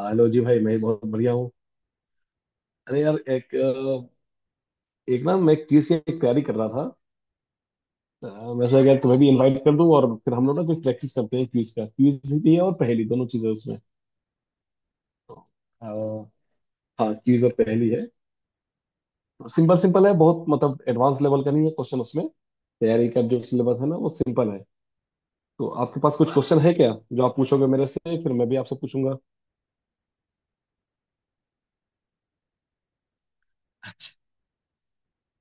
Hello जी भाई, मैं बहुत बढ़िया हूँ। अरे यार, एक ना मैं क्विज की तैयारी कर रहा था। अ, मैं सोचा कि यार तुम्हें भी इनवाइट कर दूं, और फिर हम लोग ना कुछ प्रैक्टिस करते हैं। क्विज का क्विज भी है और पहेली, दोनों चीजें उसमें। तो, अ, हाँ, क्विज और पहेली है। सिंपल सिंपल है बहुत, मतलब एडवांस लेवल का नहीं है क्वेश्चन उसमें। तैयारी का जो सिलेबस है ना, वो सिंपल है। तो आपके पास कुछ क्वेश्चन है क्या जो आप पूछोगे मेरे से, फिर मैं भी आपसे पूछूंगा?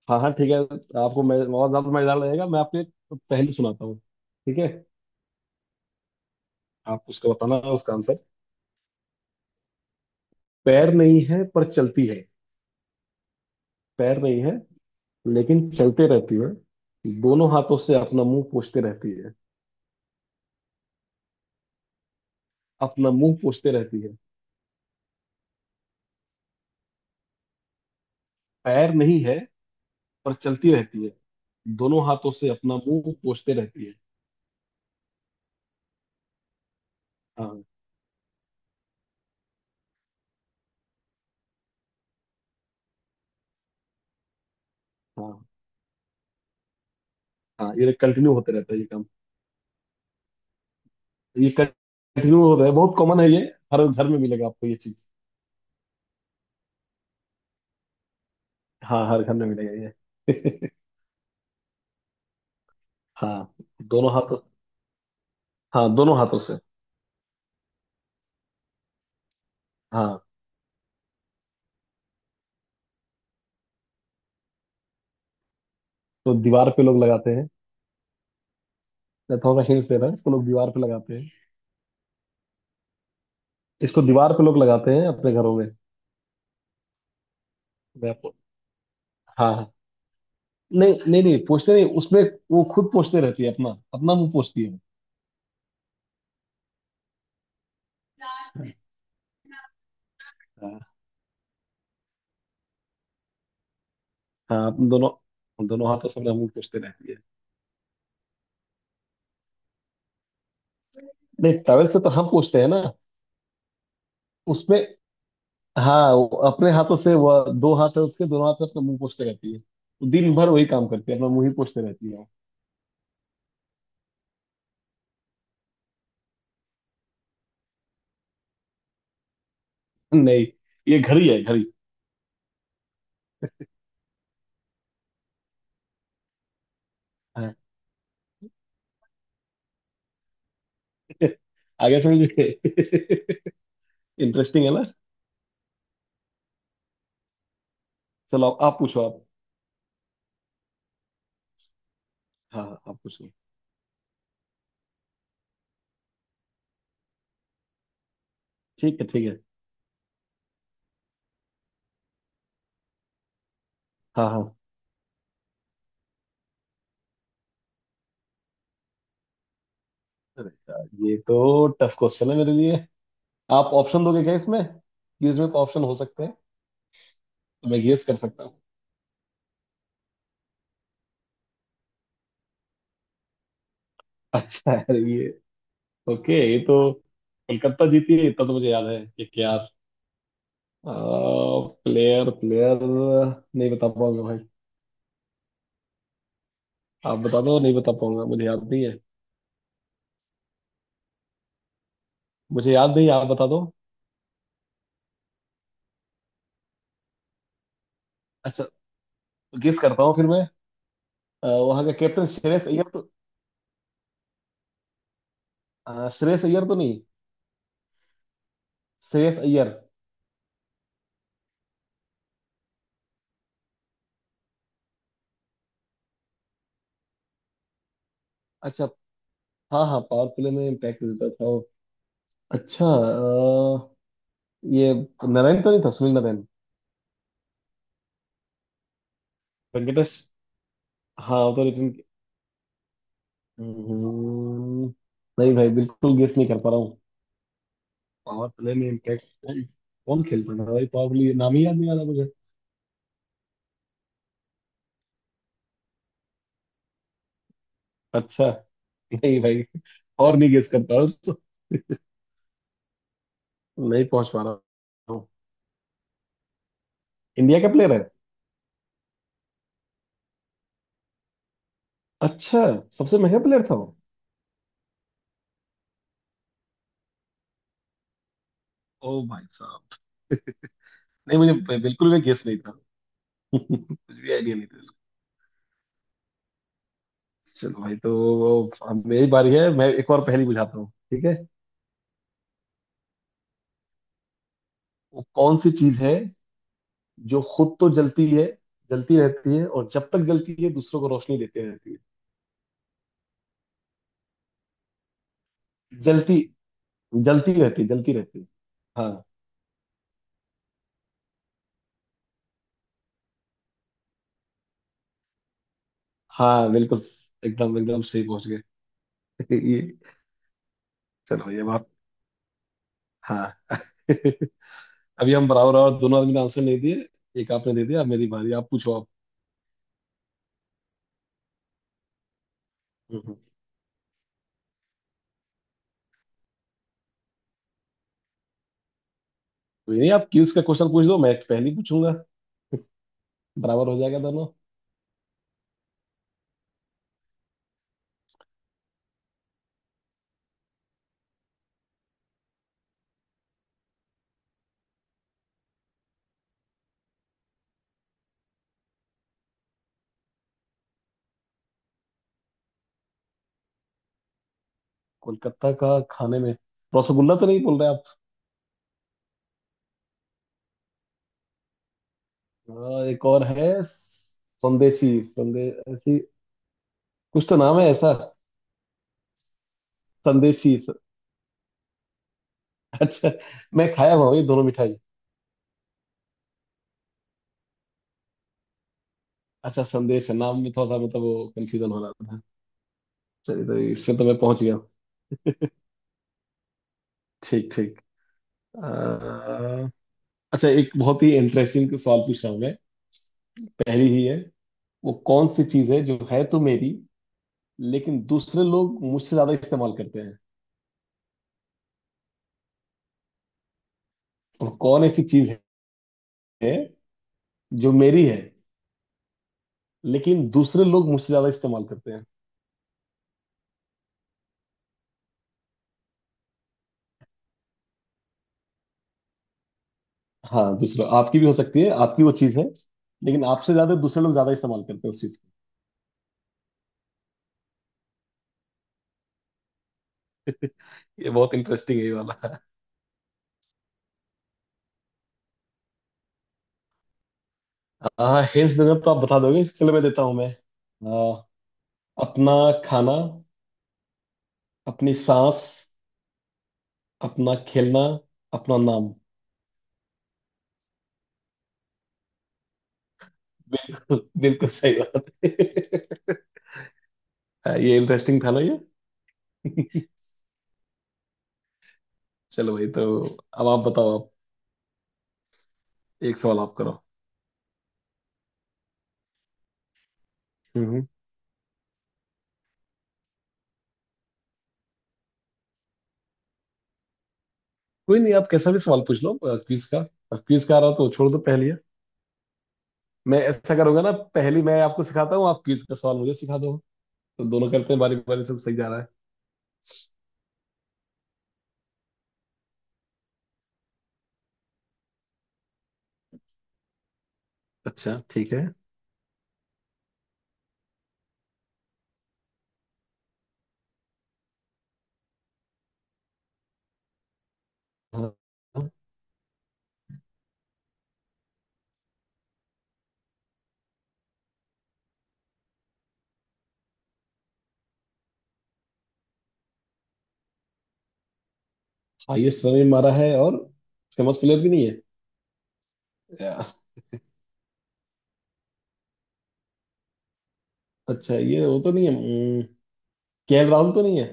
हाँ, हाँ, ठीक है। आपको मैं और ज्यादा मजेदार लगेगा। मैं आपको एक पहेली सुनाता हूँ। ठीक है? आप उसका बताना, उसका आंसर। पैर नहीं है पर चलती है। पैर नहीं है लेकिन चलते रहती है। दोनों हाथों से अपना मुंह पोंछते रहती है। अपना मुंह पोंछते रहती है। पैर नहीं है पर चलती रहती है। दोनों हाथों से अपना मुंह पोंछते रहती है। हाँ, हाँ, हाँ, ये कंटिन्यू होते रहता है ये काम। ये कंटिन्यू हो रहा है, बहुत कॉमन है ये। हर घर में मिलेगा आपको ये चीज। हाँ, हर घर में मिलेगा ये। हाँ, दोनों हाथों हाँ दोनों हाथों से। हाँ। तो दीवार पे लोग लगाते हैं। मैं थोड़ा हिंट्स दे रहा है। इसको लोग दीवार पे लगाते हैं। इसको दीवार पे लोग लगाते हैं अपने घरों में। मैं आपको हाँ, हाँ। नहीं, नहीं, नहीं, पोंछते नहीं उसमें। वो खुद पोंछते रहती है। अपना अपना मुंह पोंछती है वो। हाँ, हाँ। अपन दोनों हम दोनों हाथों से अपना मुंह पोंछते रहती है। नहीं, टॉवल से तो हम पोंछते हैं ना। उसमें? हाँ, वो अपने हाथों से, वो दो हाथ है उसके, दोनों हाथ से अपना मुंह पोंछते रहती है। वो दिन भर वही काम करती है, अपना मुंह ही पोंछते रहती है वो। नहीं, ये घड़ी है, घड़ी। हाँ। आगे समझ गए। इंटरेस्टिंग है ना? चलो आप पूछो आप। हाँ, हाँ, आप पूछो। ठीक है, ठीक है। हाँ, हाँ। अरे यार, ये तो टफ क्वेश्चन है मेरे लिए। आप ऑप्शन दोगे क्या इसमें, कि इसमें ऑप्शन हो सकते हैं? तो मैं गेस कर सकता हूँ। अच्छा यार, ये ओके, ये तो कोलकाता जीती है, इतना तो मुझे याद है, कि क्या। प्लेयर प्लेयर नहीं बता पाऊंगा भाई। आप बता दो, नहीं बता पाऊंगा, मुझे याद नहीं है। मुझे याद नहीं है, आप बता दो। अच्छा, गेस करता हूँ फिर मैं। वहाँ का कैप्टन श्रेयस अय्यर तो? श्रेयस अय्यर तो नहीं। श्रेयस अय्यर। अच्छा। हाँ, हाँ, पावर प्ले में इम्पैक्ट देता था वो। अच्छा। ये नारायण तो नहीं था, सुनील नारायण? वेंकटेश। हाँ, वो तो रिटर्न। हम्म, नहीं भाई, बिल्कुल गेस नहीं कर पा रहा हूँ। पावर प्ले में इम्पैक्ट कौन, कौन खेलता था भाई? पावर प्ले नाम ही याद नहीं आ रहा मुझे। अच्छा। नहीं भाई, और नहीं गेस कर पा रहा हूँ, तो नहीं पहुंच पा रहा हूँ। इंडिया का प्लेयर है? अच्छा, सबसे महंगा प्लेयर था वो। ओ भाई साहब। नहीं, मुझे बिल्कुल भी गेस नहीं था। कुछ भी आइडिया नहीं था इसको। चलो भाई, तो अब मेरी बारी है। मैं एक और पहेली बुझाता हूँ। ठीक है? वो कौन सी चीज है जो खुद तो जलती है, जलती रहती है, और जब तक जलती है दूसरों को रोशनी देती रहती है। जलती, जलती रहती है। जलती रहती है। हाँ। हाँ, बिल्कुल, एकदम एकदम सही पहुंच गए। ये, चलो, ये बात। हाँ। अभी हम बराबर, और दोनों आदमी ने आंसर नहीं दिए। एक आपने दे दिया, अब मेरी बारी। आप पूछो आप। हम्म। कोई नहीं, आप क्यूज का क्वेश्चन पूछ दो, मैं पहले ही पूछूंगा। बराबर हो जाएगा दोनों। कोलकाता का खाने में? रसगुल्ला तो नहीं बोल रहे आप? हाँ, एक और है, संदेशी संदेशी कुछ तो नाम है ऐसा। संदेशी, अच्छा, मैं खाया हुआ हूँ ये दोनों मिठाई। अच्छा, संदेश है नाम में, थोड़ा सा मतलब वो कंफ्यूजन हो रहा था। चलिए तो इसमें तो मैं पहुंच गया हूँ। ठीक, ठीक। अ, अच्छा, एक बहुत ही इंटरेस्टिंग सवाल पूछ रहा हूँ मैं। पहली ही है। वो कौन सी चीज है जो है तो मेरी, लेकिन दूसरे लोग मुझसे ज्यादा इस्तेमाल करते हैं? और कौन ऐसी चीज है जो मेरी है, लेकिन दूसरे लोग मुझसे ज्यादा इस्तेमाल करते हैं? हाँ, दूसरा, आपकी भी हो सकती है, आपकी वो चीज है, लेकिन आपसे ज्यादा दूसरे लोग ज्यादा इस्तेमाल करते हैं उस चीज को। ये बहुत इंटरेस्टिंग है ये वाला। हाँ, हिंट्स देना तो आप बता दोगे। चलो मैं देता हूँ मैं। आ, अपना खाना, अपनी सांस, अपना खेलना, अपना नाम। बिल्कुल, बिल्कुल सही बात है। हाँ, ये इंटरेस्टिंग था ना ये। चलो भाई, तो अब आप बताओ आप। एक सवाल आप करो। हम्म। कोई नहीं, आप कैसा भी सवाल पूछ लो क्विज का। क्विज का आ रहा तो छोड़ दो पहले। मैं ऐसा करूंगा ना, पहली मैं आपको सिखाता हूँ, आप क्विज का सवाल मुझे सिखा दो, तो दोनों करते हैं बारी बारी से, तो सही जा रहा है। अच्छा, ठीक है। हाँ। हाईएस्ट रन भी मारा है और फेमस प्लेयर भी नहीं है? या। अच्छा, ये वो तो नहीं है, केएल राहुल तो नहीं है?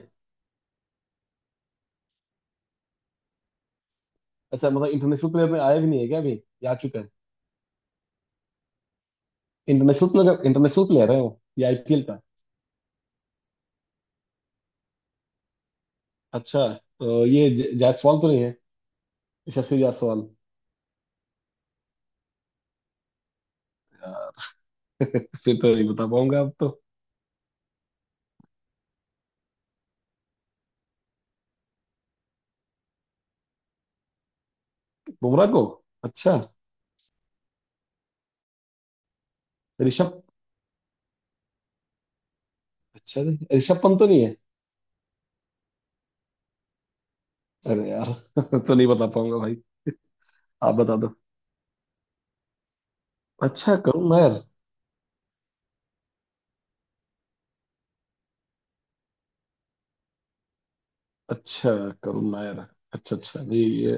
अच्छा, मतलब इंटरनेशनल प्लेयर में आया भी नहीं है क्या अभी, या आ चुका है? इंटरनेशनल प्लेयर है वो। ये आईपीएल का? अच्छा, तो ये जायसवाल तो नहीं है, यशस्वी जायसवाल? या, फिर तो नहीं बता पाऊंगा अब तो। बुमराह को। अच्छा, ऋषभ, अच्छा जी, ऋषभ पंत तो नहीं है? अरे यार। तो नहीं बता पाऊंगा भाई। आप बता दो। अच्छा, करुण नायर। अच्छा, करुण नायर। अच्छा, अच्छा, नहीं ये।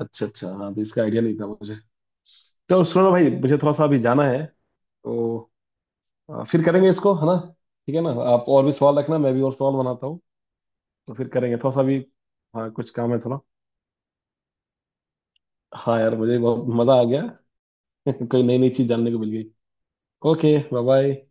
अच्छा, अच्छा, हाँ, तो इसका आइडिया नहीं था मुझे। तो सुनो भाई, मुझे थोड़ा सा अभी जाना है। तो फिर करेंगे इसको, है ना? ठीक है ना, आप और भी सवाल रखना, मैं भी और सवाल बनाता हूँ। तो फिर करेंगे थोड़ा सा अभी। हाँ, कुछ काम है थोड़ा। हाँ यार, मुझे बहुत मजा आ गया। कोई नई नई चीज जानने को मिल गई। Okay, bye bye.